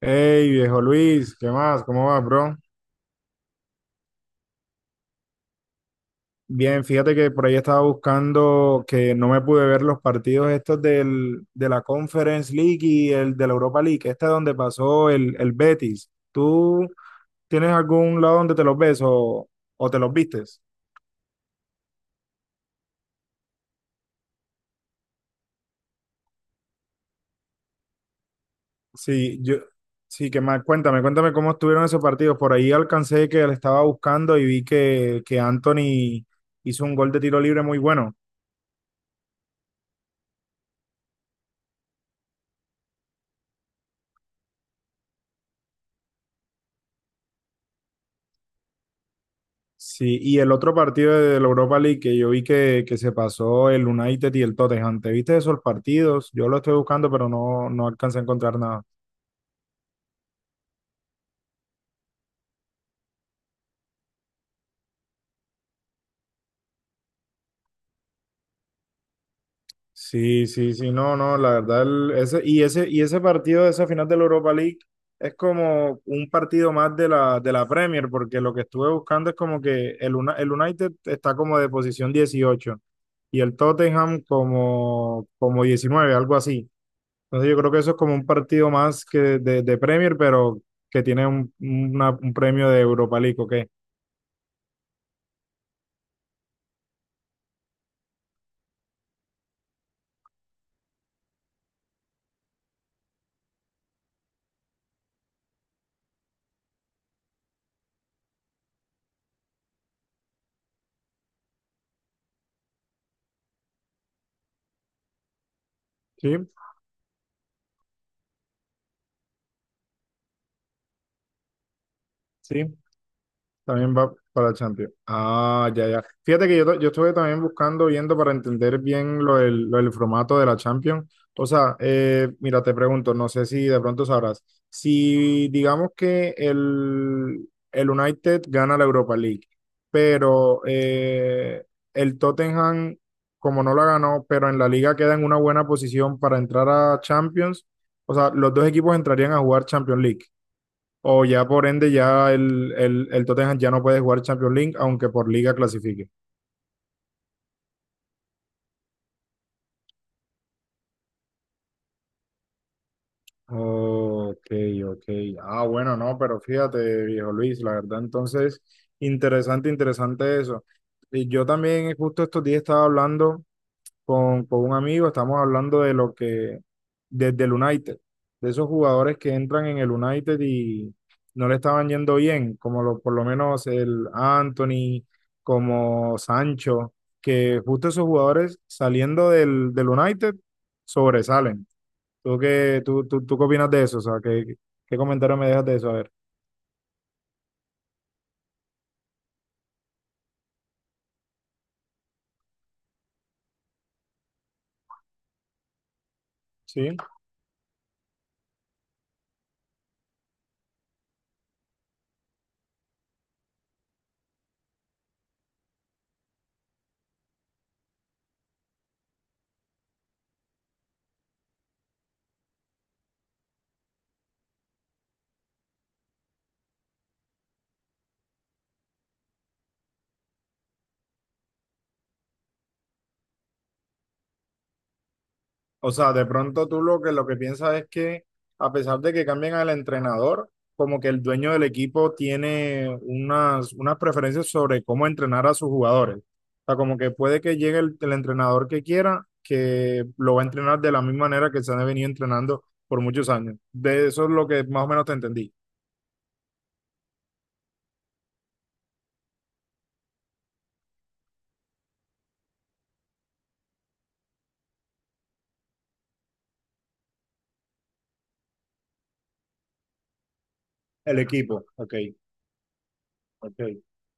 Hey, viejo Luis, ¿qué más? ¿Cómo vas, bro? Bien, fíjate que por ahí estaba buscando que no me pude ver los partidos estos de la Conference League y el de la Europa League, este es donde pasó el Betis. ¿Tú tienes algún lado donde te los ves o te los vistes? Sí, sí, que más, cuéntame cómo estuvieron esos partidos. Por ahí alcancé que le estaba buscando y vi que Anthony hizo un gol de tiro libre muy bueno. Sí, y el otro partido de la Europa League que yo vi que se pasó el United y el Tottenham, ¿te viste esos partidos? Yo lo estoy buscando, pero no alcancé a encontrar nada. Sí, sí, sí, no, no, la verdad, y ese partido de esa final de la Europa League es como un partido más de de la Premier, porque lo que estuve buscando es como que el United está como de posición 18 y el Tottenham como, como 19, algo así. Entonces yo creo que eso es como un partido más que de Premier, pero que tiene un premio de Europa League, ¿ok? Sí, sí. También va para Champions. Ah, ya, ya. Fíjate que yo, yo estuve también buscando, viendo para entender bien lo del formato de la Champions. O sea, mira, te pregunto, no sé si de pronto sabrás, si digamos que el United gana la Europa League, pero el Tottenham, como no la ganó, pero en la liga queda en una buena posición para entrar a Champions, o sea, los dos equipos entrarían a jugar Champions League. O ya por ende ya el Tottenham ya no puede jugar Champions League, aunque por liga clasifique. Ok, ok. Ah, bueno, no, pero fíjate, viejo Luis, la verdad, entonces, interesante, interesante eso. Y yo también justo estos días estaba hablando con un amigo, estamos hablando de lo que, desde el United, de esos jugadores que entran en el United y no le estaban yendo bien, como lo, por lo menos el Anthony, como Sancho, que justo esos jugadores saliendo del United sobresalen. ¿Tú qué opinas de eso? O sea, ¿qué, qué comentario me dejas de eso? A ver, ¿sí? O sea, de pronto tú lo que piensas es que a pesar de que cambien al entrenador, como que el dueño del equipo tiene unas preferencias sobre cómo entrenar a sus jugadores. O sea, como que puede que llegue el entrenador que quiera, que lo va a entrenar de la misma manera que se han venido entrenando por muchos años. De eso es lo que más o menos te entendí. El equipo, ok. Ok.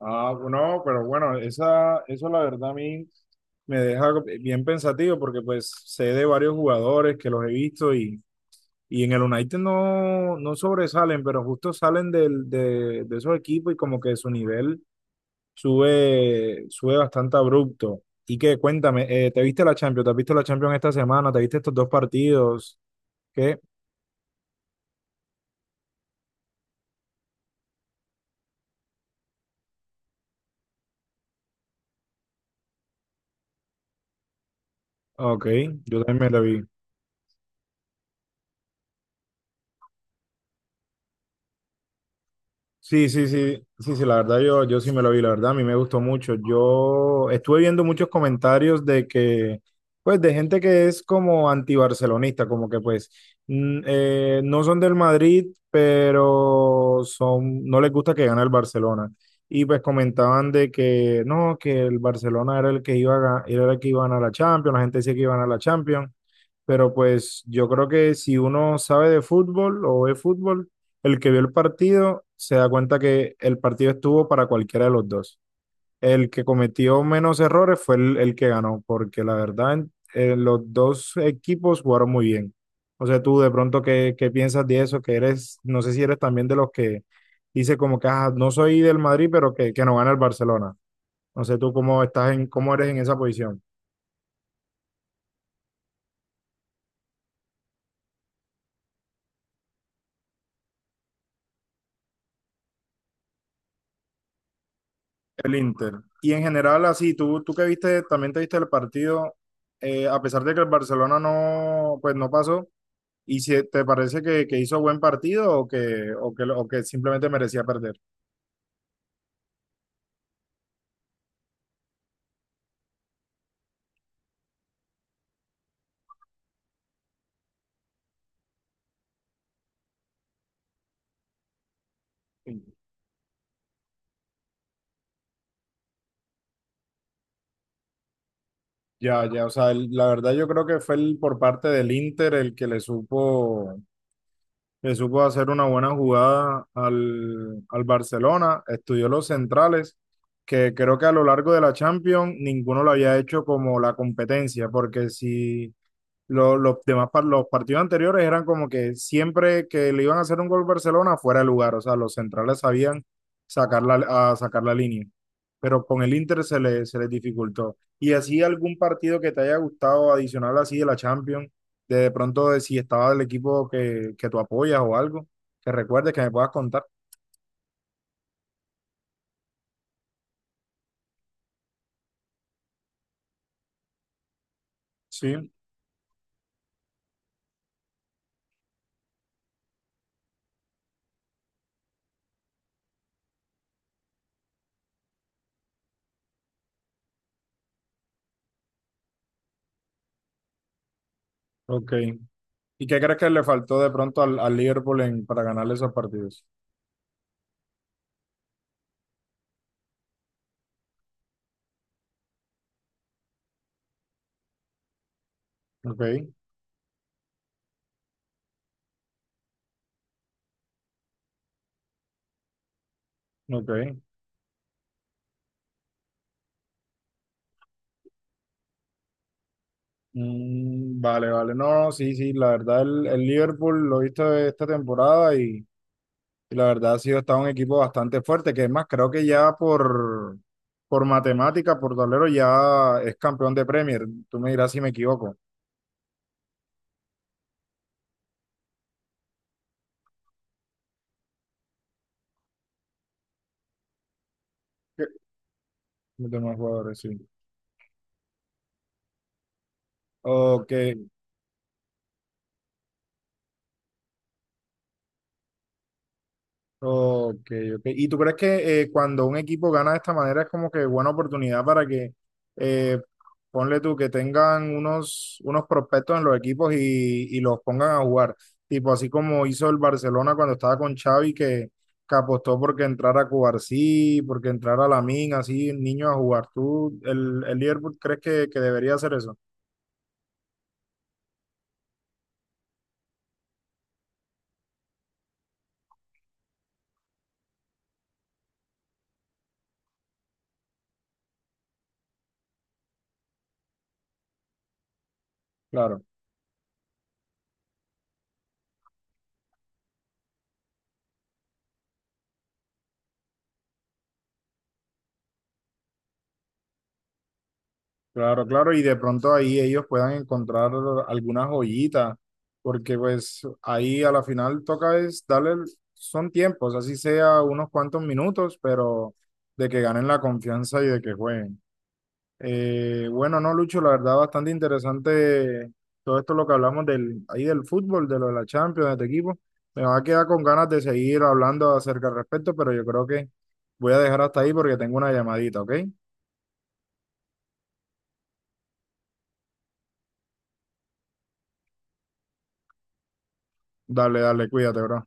Ah, no, pero bueno, esa, eso la verdad a mí me deja bien pensativo porque pues sé de varios jugadores que los he visto y en el United no, no sobresalen, pero justo salen de esos equipos y como que su nivel sube, sube bastante abrupto. Y que cuéntame, ¿te viste la Champions? ¿Te has visto la Champions esta semana? ¿Te viste estos dos partidos? ¿Qué? Ok, yo también me la vi. Sí, sí, sí, sí, sí, la verdad yo sí me lo vi, la verdad a mí me gustó mucho. Yo estuve viendo muchos comentarios de que, pues, de gente que es como antibarcelonista, como que pues no son del Madrid, pero son, no les gusta que gane el Barcelona. Y pues comentaban de que no, que el Barcelona era el que iba era el que iba a ganar la Champions, la gente decía que iba a ganar la Champions. Pero pues yo creo que si uno sabe de fútbol o ve fútbol, el que vio el partido se da cuenta que el partido estuvo para cualquiera de los dos. El que cometió menos errores fue el que ganó, porque la verdad los dos equipos jugaron muy bien. O sea, tú de pronto, ¿qué, qué piensas de eso? Que eres, no sé si eres también de los que dice como que "Ah, no soy del Madrid, pero que no gana el Barcelona. No sé tú cómo estás en, cómo eres en esa posición. El Inter. Y en general, así, tú que viste, también te viste el partido, a pesar de que el Barcelona no, pues no pasó, ¿y si te parece que hizo buen partido o que, o que, o que simplemente merecía perder? Ya, ya, o sea, la verdad yo creo que fue el, por parte del Inter el que le supo hacer una buena jugada al Barcelona, estudió los centrales, que creo que a lo largo de la Champions ninguno lo había hecho como la competencia, porque si... los partidos anteriores eran como que siempre que le iban a hacer un gol Barcelona fuera de lugar, o sea, los centrales sabían sacar la, a sacar la línea, pero con el Inter se les dificultó. ¿Y así algún partido que te haya gustado adicional así de la Champions, de pronto de si estaba el equipo que tú apoyas o algo, que recuerdes que me puedas contar? Sí, ok. ¿Y qué crees que le faltó de pronto al Liverpool para ganarle esos partidos? Ok, ok. Mm, vale, vale. No, no, sí, sí. La verdad, el Liverpool lo he visto esta temporada y la verdad ha sido está un equipo bastante fuerte, que es más, creo que ya por matemática, por tablero, ya es campeón de Premier. Tú me dirás si me equivoco. Sí. Los demás jugadores, sí. Ok, Ok, ok. ¿Y tú crees que cuando un equipo gana de esta manera es como que buena oportunidad para que, eh, ponle tú, que tengan unos prospectos en los equipos y los pongan a jugar? Tipo así como hizo el Barcelona cuando estaba con Xavi, que apostó porque entrara Cubarsí, porque entrara Lamine, así niños a jugar. ¿Tú, el Liverpool, crees que debería hacer eso? Claro. Claro, claro, y de pronto ahí ellos puedan encontrar alguna joyita, porque pues ahí a la final toca es darle, son tiempos, así sea unos cuantos minutos, pero de que ganen la confianza y de que jueguen. Bueno, no, Lucho, la verdad bastante interesante todo esto lo que hablamos del, ahí del fútbol, de lo de la Champions, de este equipo. Me va a quedar con ganas de seguir hablando acerca al respecto, pero yo creo que voy a dejar hasta ahí porque tengo una llamadita, ¿ok? Dale, dale, cuídate, bro.